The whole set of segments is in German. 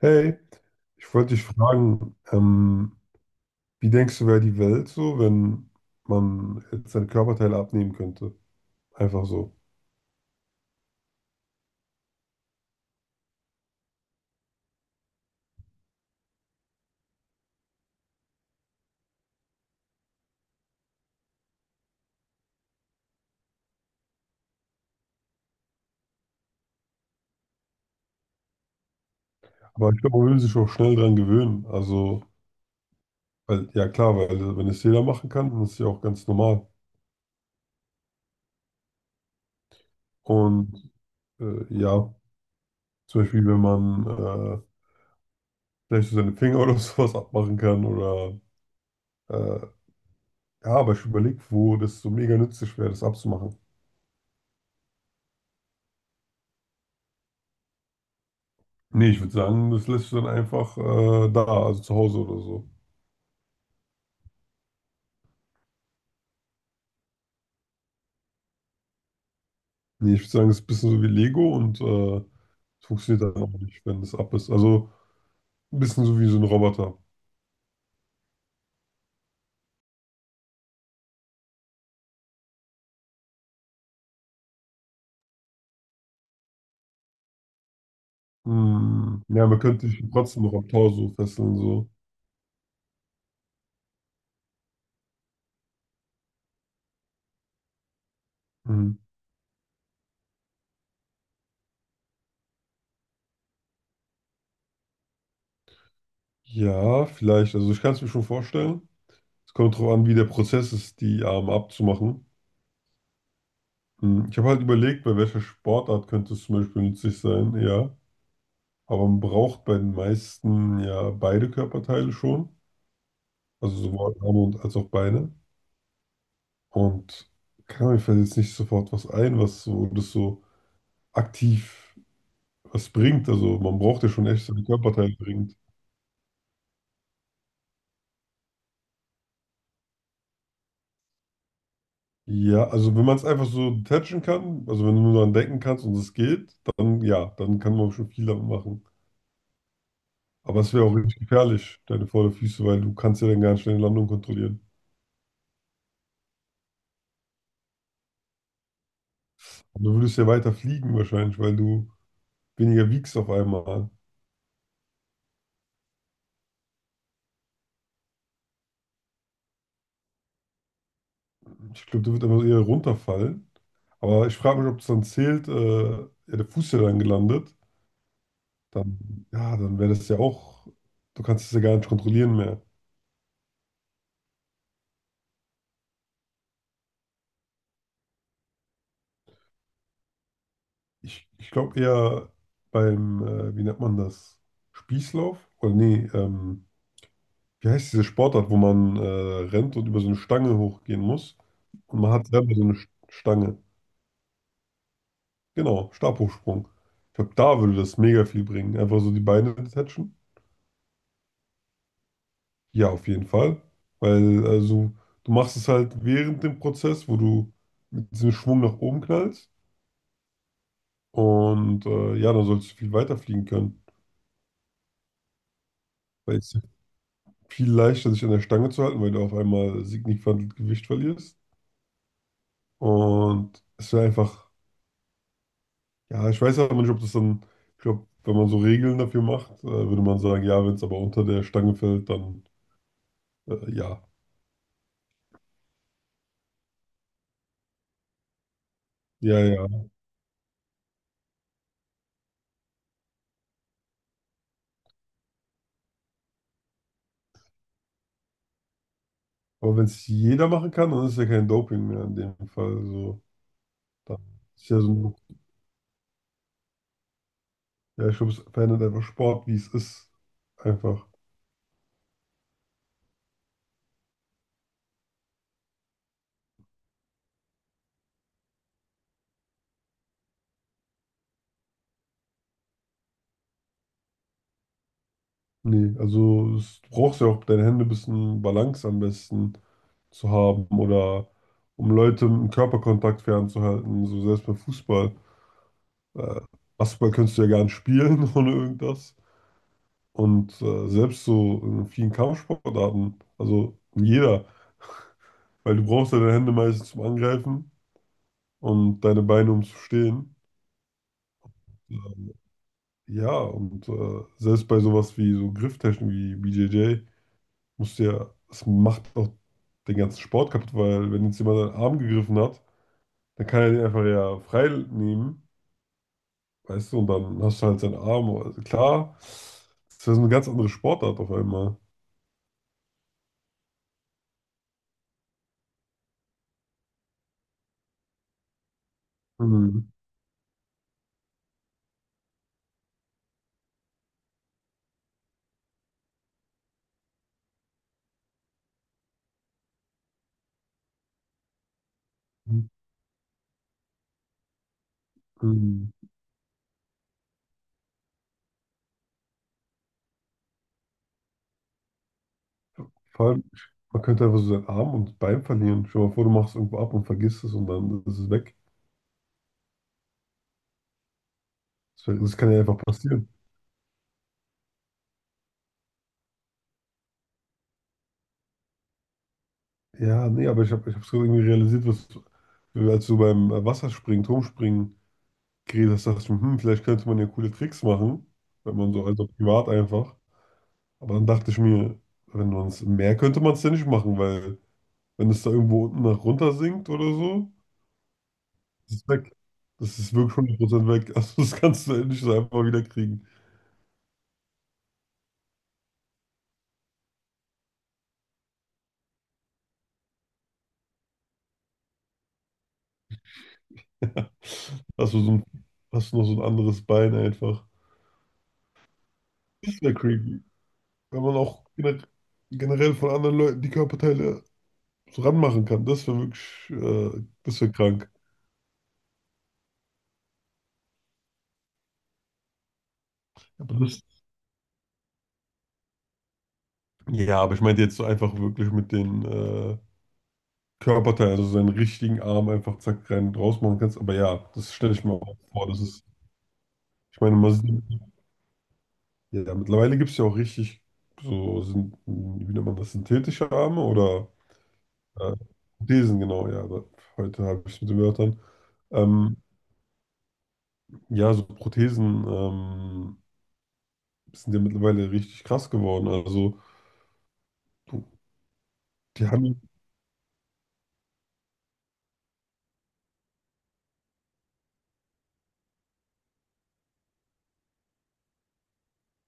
Hey, ich wollte dich fragen, wie denkst du, wäre die Welt so, wenn man jetzt seine Körperteile abnehmen könnte? Einfach so. Aber ich glaube, man würde sich auch schnell dran gewöhnen. Also, weil, ja klar, weil wenn es jeder machen kann, dann ist es ja auch ganz normal. Und ja, zum Beispiel, wenn man vielleicht so seine Finger oder sowas abmachen kann oder äh, ja, aber ich überlege, wo das so mega nützlich wäre, das abzumachen. Nee, ich würde sagen, das lässt du dann einfach da, also zu Hause oder so. Nee, ich würde sagen, es ist ein bisschen so wie Lego und es funktioniert dann auch nicht, wenn es ab ist. Also ein bisschen so wie so ein Roboter. Hm. Ja, man könnte dich trotzdem noch am Tau so fesseln, so. Hm. Ja, vielleicht. Also ich kann es mir schon vorstellen. Es kommt darauf an, wie der Prozess ist, die Arme abzumachen. Hm. Ich habe halt überlegt, bei welcher Sportart könnte es zum Beispiel nützlich sein, ja. Aber man braucht bei den meisten ja beide Körperteile schon. Also sowohl Arme und als auch Beine. Und kann mir fällt jetzt nicht sofort was ein, was so, das so aktiv was bringt. Also man braucht ja schon echt seine Körperteile bringt. Ja, also wenn man es einfach so detachen kann, also wenn du nur daran denken kannst und es geht, dann ja, dann kann man schon viel damit machen. Aber es wäre auch richtig gefährlich, deine Vorderfüße, weil du kannst ja dann gar nicht deine Landung kontrollieren. Und du würdest ja weiter fliegen wahrscheinlich, weil du weniger wiegst auf einmal. Ich glaube, du würdest einfach eher runterfallen. Aber ich frage mich, ob das dann zählt, ja, der Fuß ist ja dann gelandet. Dann, ja, dann wäre das ja auch, du kannst es ja gar nicht kontrollieren mehr. Ich glaube eher beim, wie nennt man das? Spießlauf? Oder nee, wie heißt diese Sportart, wo man rennt und über so eine Stange hochgehen muss? Und man hat selber so eine Stange. Genau, Stabhochsprung. Ich glaube, da würde das mega viel bringen. Einfach so die Beine detachen. Ja, auf jeden Fall. Weil, also, du machst es halt während dem Prozess, wo du mit diesem Schwung nach oben knallst. Und ja, dann sollst du viel weiter fliegen können. Weil es ist viel leichter, sich an der Stange zu halten, weil du auf einmal signifikant Gewicht verlierst. Und es wäre einfach, ja, ich weiß aber nicht, ob das dann, ich glaube, wenn man so Regeln dafür macht, würde man sagen, ja, wenn es aber unter der Stange fällt, dann ja. Ja, ja. Aber wenn es jeder machen kann, dann ist ja kein Doping mehr in dem Fall. So, dann ist ja so ein, ja, ich glaube, es verändert einfach Sport, wie es ist. Einfach. Nee, also es, du brauchst ja auch deine Hände ein bisschen Balance am besten zu haben oder um Leute im Körperkontakt fernzuhalten, so selbst beim Fußball. Äh, Basketball kannst du ja gar nicht spielen ohne irgendwas. Und selbst so in vielen Kampfsportarten, also in jeder, weil du brauchst ja deine Hände meistens zum Angreifen und deine Beine um zu stehen. Äh, Ja, und selbst bei sowas wie so Grifftechnik wie BJJ. Musst du ja, das macht auch den ganzen Sport kaputt, weil wenn jetzt jemand seinen Arm gegriffen hat, dann kann er den einfach ja frei nehmen, weißt du, und dann hast du halt seinen Arm. Also klar, das wäre so eine ganz andere Sportart auf einmal. Mhm. Mhm. Vor allem, man könnte einfach so seinen Arm und Bein verlieren. Stell dir mal vor, du machst irgendwo ab und vergisst es und dann ist es weg. Das, das kann ja einfach passieren. Ja, nee, aber ich habe ich es irgendwie realisiert, was, als du beim Wasserspringen, Turmspringen geredet hast, dachte ich mir, hm, hm, vielleicht könnte man ja coole Tricks machen, wenn man so, also privat einfach. Aber dann dachte ich mir, wenn man es im Meer könnte man es ja nicht machen, weil wenn es da irgendwo unten nach runter sinkt oder so, ist es weg. Das ist wirklich 100% weg. Also das kannst du nicht so einfach wieder kriegen. Hast du so ein, hast du noch so ein anderes Bein einfach. Das ist ja creepy. Wenn man auch generell von anderen Leuten die Körperteile so ranmachen kann, das wäre wirklich, das wäre krank. Aber das, ja, aber ich meinte jetzt so einfach wirklich mit den Körperteilen, also seinen richtigen Arm einfach zack rein und raus machen kannst. Aber ja, das stelle ich mir auch vor. Das ist, ich meine, man sieht, ja, mittlerweile gibt es ja auch richtig so, sind, wie nennt man das, synthetische Arme oder äh, Prothesen, genau, ja. Da, heute habe ich es mit den Wörtern. Ähm, ja, so Prothesen sind ja mittlerweile richtig krass geworden. Also, du- die haben,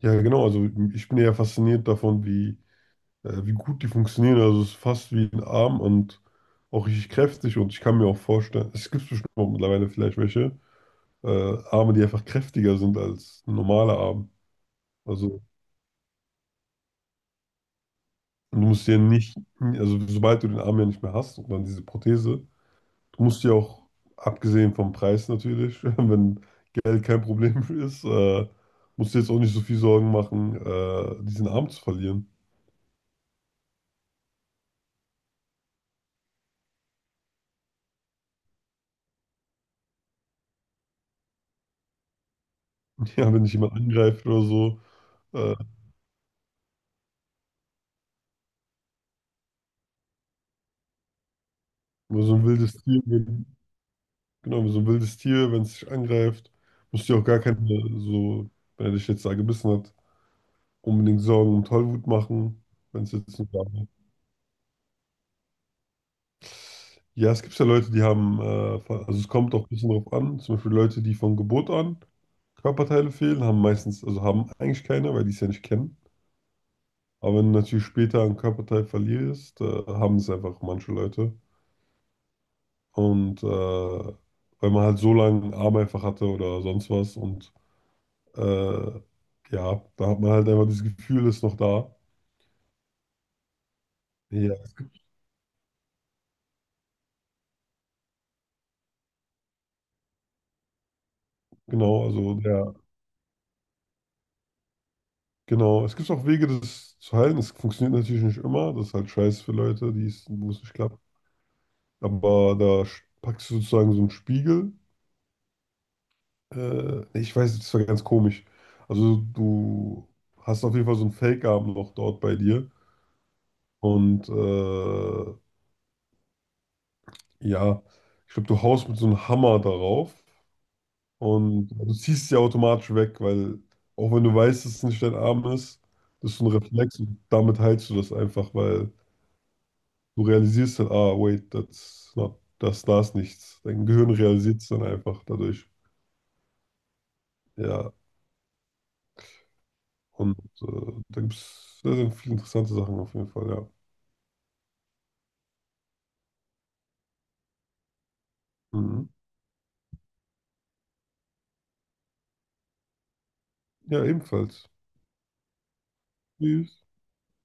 ja genau, also ich bin ja fasziniert davon, wie wie gut die funktionieren. Also es ist fast wie ein Arm und auch richtig kräftig. Und ich kann mir auch vorstellen, es gibt bestimmt auch mittlerweile vielleicht welche Arme, die einfach kräftiger sind als ein normaler Arm. Also du musst ja nicht, also sobald du den Arm ja nicht mehr hast und dann diese Prothese, du musst ja auch, abgesehen vom Preis natürlich, wenn Geld kein Problem ist, musst du jetzt auch nicht so viel Sorgen machen, diesen Arm zu verlieren. Ja, wenn dich jemand angreift äh, oder so ein wildes Tier, genau, wie so ein wildes Tier, wenn es dich angreift, musst du dir auch gar keine, so, wenn er dich jetzt da gebissen hat, unbedingt Sorgen und Tollwut machen, wenn es jetzt nicht da war. Ja, es gibt ja Leute, die haben, also es kommt auch ein bisschen drauf an, zum Beispiel Leute, die von Geburt an Körperteile fehlen, haben meistens, also haben eigentlich keine, weil die es ja nicht kennen. Aber wenn du natürlich später ein Körperteil verlierst, haben es einfach manche Leute. Und weil man halt so lange einen Arm einfach hatte oder sonst was und Äh, ja, da hat man halt einfach dieses Gefühl, ist noch da. Ja, genau, also der, genau. Es gibt auch Wege, das zu heilen. Das funktioniert natürlich nicht immer. Das ist halt scheiße für Leute, die es, wo es nicht klappt. Aber da packst du sozusagen so einen Spiegel. Nee, ich weiß, das war ganz komisch. Also du hast auf jeden Fall so einen Fake-Arm noch dort bei dir. Und ja, ich glaube, du haust mit so einem Hammer darauf. Und du ziehst sie automatisch weg, weil auch wenn du weißt, dass es nicht dein Arm ist, das ist so ein Reflex und damit heilst du das einfach, weil du realisierst dann, ah, wait, that's not, das, da ist nichts. Dein Gehirn realisiert es dann einfach dadurch. Ja, und äh, da gibt es sehr, sehr viele interessante Sachen auf jeden Fall, ja. Mhm. Ja, ebenfalls. Tschüss.